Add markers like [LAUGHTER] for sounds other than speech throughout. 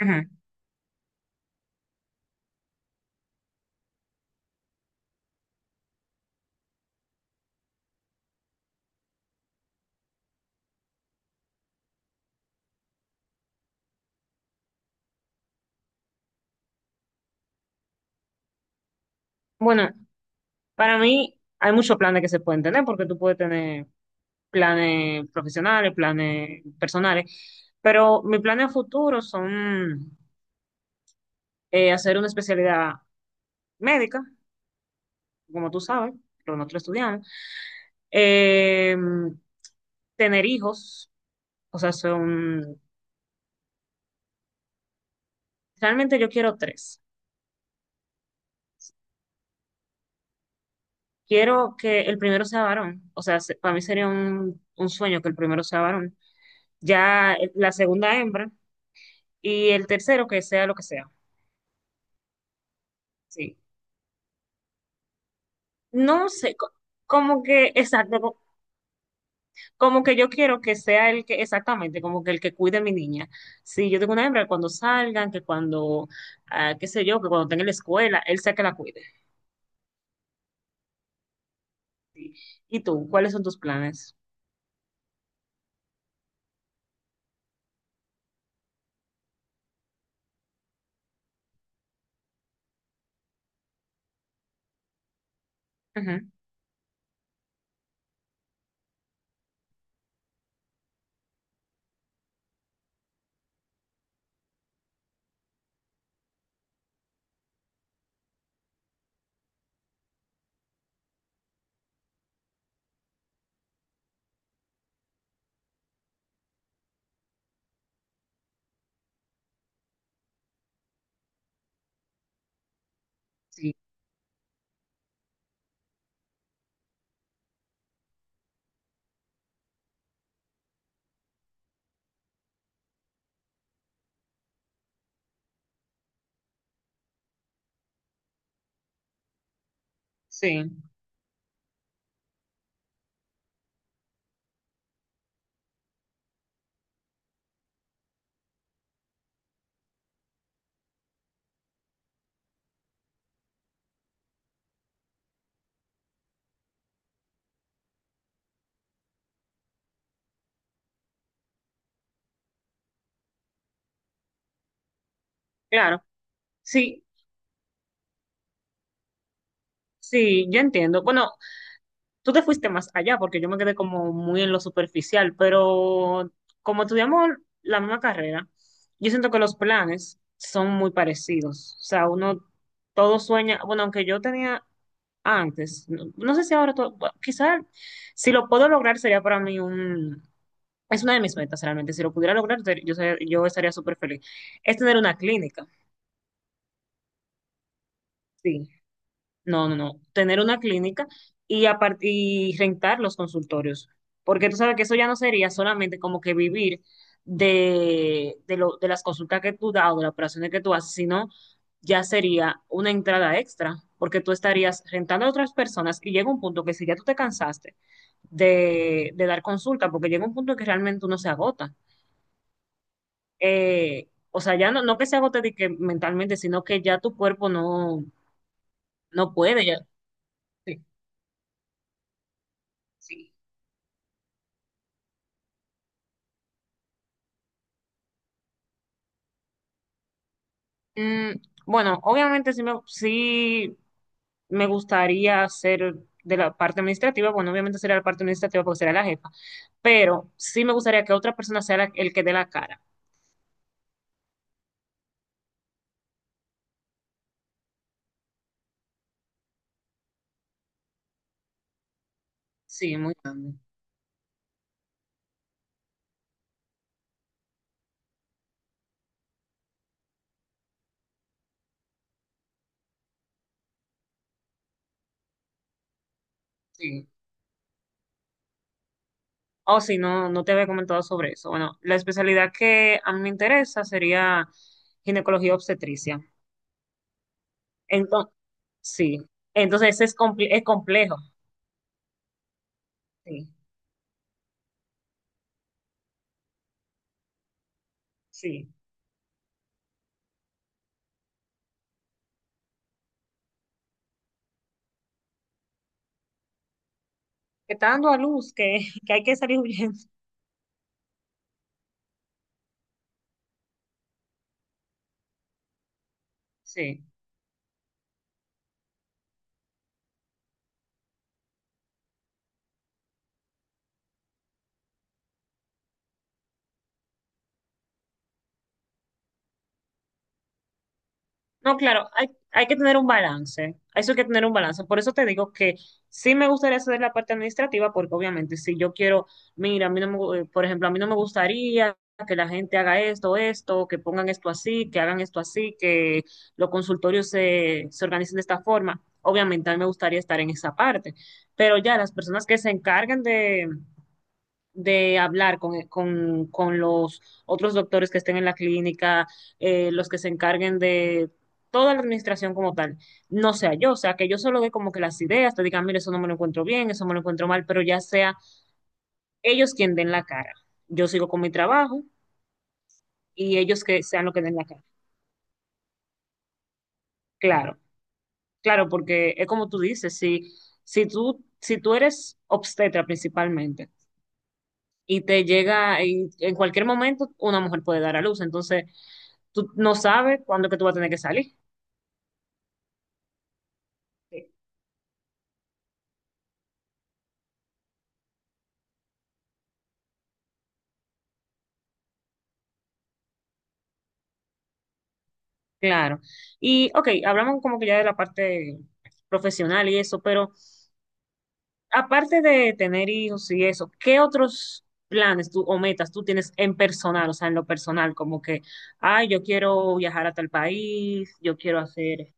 Ujú. Bueno, para mí hay muchos planes que se pueden tener, porque tú puedes tener planes profesionales, planes personales, pero mis planes a futuro son hacer una especialidad médica, como tú sabes, pero nosotros estudiamos, eh, tener hijos, o sea, son, realmente yo quiero tres. Quiero que el primero sea varón, o sea, para mí sería un sueño que el primero sea varón, ya la segunda hembra y el tercero que sea lo que sea. Sí. No sé, como que, exacto, como que yo quiero que sea el que, exactamente, como que el que cuide a mi niña. Si yo tengo una hembra, cuando salgan, que cuando, ah, qué sé yo, que cuando tenga la escuela, él sea que la cuide. Sí. ¿Y tú, cuáles son tus planes? Ujú. Sí, sí, claro, sí, sí, yo entiendo. Bueno, tú te fuiste más allá porque yo me quedé como muy en lo superficial, pero como estudiamos la misma carrera, yo siento que los planes son muy parecidos. O sea, uno todo sueña, bueno, aunque yo tenía antes, no, no sé si ahora, todo, quizás si lo puedo lograr sería para mí un, es una de mis metas realmente, si lo pudiera lograr yo estaría súper feliz, es tener una clínica. Sí, no, no, no. Tener una clínica y, y rentar los consultorios. Porque tú sabes que eso ya no sería solamente como que vivir de las consultas que tú das o de las operaciones que tú haces, sino ya sería una entrada extra. Porque tú estarías rentando a otras personas y llega un punto que si ya tú te cansaste de dar consulta, porque llega un punto que realmente uno se agota. O sea, ya no, no que se agote de que mentalmente, sino que ya tu cuerpo no, no puede. Ya, sí. Sí. Mm, bueno, obviamente sí me gustaría ser de la parte administrativa, bueno, obviamente sería la parte administrativa porque sería la jefa, pero sí me gustaría que otra persona sea el que dé la cara. Sí, muy grande. Sí. Oh, sí, no, no te había comentado sobre eso. Bueno, la especialidad que a mí me interesa sería ginecología obstetricia. Entonces, sí, entonces es, es complejo. Sí, sí. Que está dando a luz, que, [LAUGHS] que hay que salir huyendo. Sí. No, claro, hay que tener un balance. Eso hay que tener un balance. Por eso te digo que sí me gustaría hacer la parte administrativa, porque obviamente si yo quiero, mira, a mí no me, gu- por ejemplo, a mí no me gustaría que la gente haga esto, esto, que pongan esto así, que hagan esto así, que los consultorios se organicen de esta forma. Obviamente a mí me gustaría estar en esa parte, pero ya las personas que se encarguen de hablar con los otros doctores que estén en la clínica, los que se encarguen de toda la administración como tal, no sea yo, o sea, que yo solo dé como que las ideas, te digan, mire, eso no me lo encuentro bien, eso me lo encuentro mal, pero ya sea ellos quien den la cara. Yo sigo con mi trabajo y ellos que sean los que den la cara. Claro, claro, porque es como tú dices, si, si tú eres obstetra principalmente y te llega, y en cualquier momento una mujer puede dar a luz, entonces tú no sabes cuándo es que tú vas a tener que salir. Sí. Claro. Y, ok, hablamos como que ya de la parte profesional y eso, pero aparte de tener hijos y eso, ¿qué otros planes tú, o metas tú tienes en personal, o sea, en lo personal, como que, ay, yo quiero viajar a tal país, yo quiero hacer,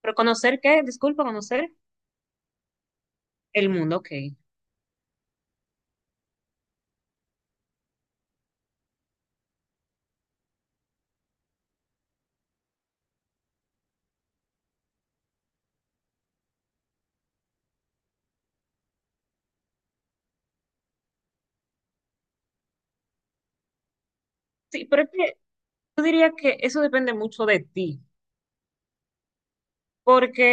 pero conocer qué, disculpa, conocer el mundo, ok. Sí, pero es que yo diría que eso depende mucho de ti. Porque,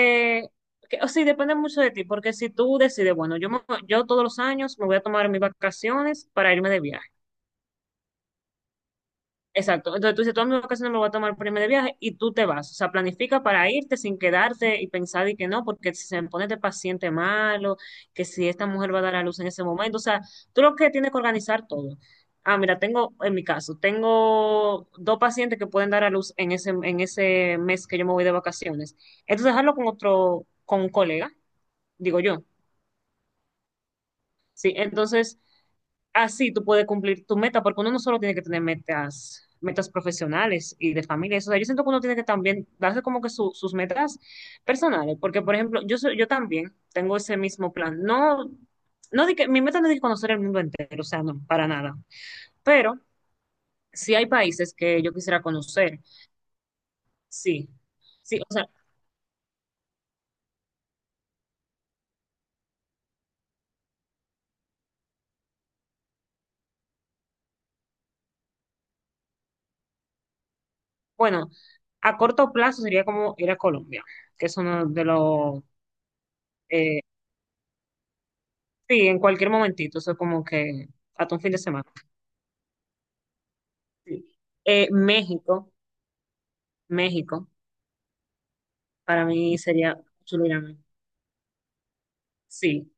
o sí depende mucho de ti, porque si tú decides, bueno, yo todos los años me voy a tomar mis vacaciones para irme de viaje. Exacto. Entonces tú dices, todas mis vacaciones me voy a tomar para irme de viaje y tú te vas. O sea, planifica para irte sin quedarte y pensar y que no, porque si se me pone este paciente malo, que si esta mujer va a dar a luz en ese momento. O sea, tú lo que tienes que organizar todo. Ah, mira, tengo, en mi caso, tengo dos pacientes que pueden dar a luz en ese mes que yo me voy de vacaciones. Entonces, dejarlo con otro, con un colega digo yo. Sí, entonces así tú puedes cumplir tu meta, porque uno no solo tiene que tener metas, metas profesionales y de familia. O sea, yo siento que uno tiene que también darse como que sus metas personales, porque por ejemplo, yo también tengo ese mismo plan. No, no de que mi meta no es de conocer el mundo entero, o sea, no, para nada. Pero sí hay países que yo quisiera conocer. Sí. Sí, o sea, bueno, a corto plazo sería como ir a Colombia, que es uno de los eh, sí, en cualquier momentito, eso como que hasta un fin de semana. Sí. México, México, para mí sería chulo ir a México. Sí,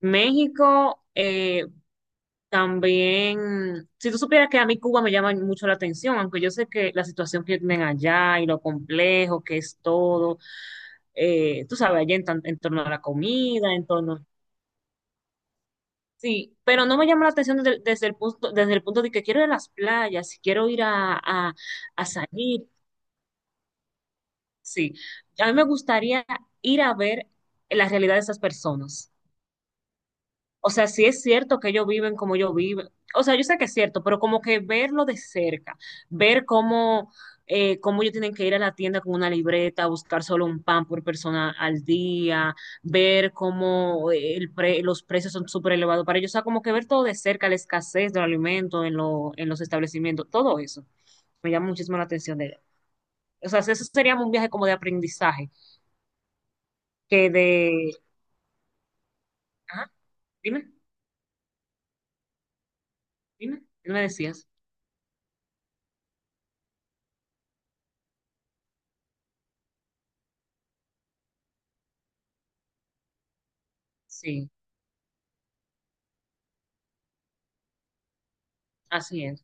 México también, si tú supieras que a mí Cuba me llama mucho la atención, aunque yo sé que la situación que tienen allá y lo complejo que es todo, tú sabes, allá en, en torno a la comida, en torno... Sí, pero no me llama la atención desde, desde el punto de que quiero ir a las playas, quiero ir a salir. Sí, a mí me gustaría ir a ver la realidad de esas personas. O sea, si es cierto que ellos viven como yo viven, o sea, yo sé que es cierto, pero como que verlo de cerca, ver cómo, cómo ellos tienen que ir a la tienda con una libreta, buscar solo un pan por persona al día, ver cómo los precios son súper elevados para ellos, o sea, como que ver todo de cerca, la escasez del alimento en, en los establecimientos, todo eso me llama muchísimo la atención de ella. O sea, ese sería un viaje como de aprendizaje que de... Ajá, dime, dime, ¿qué me decías? Sí, así es.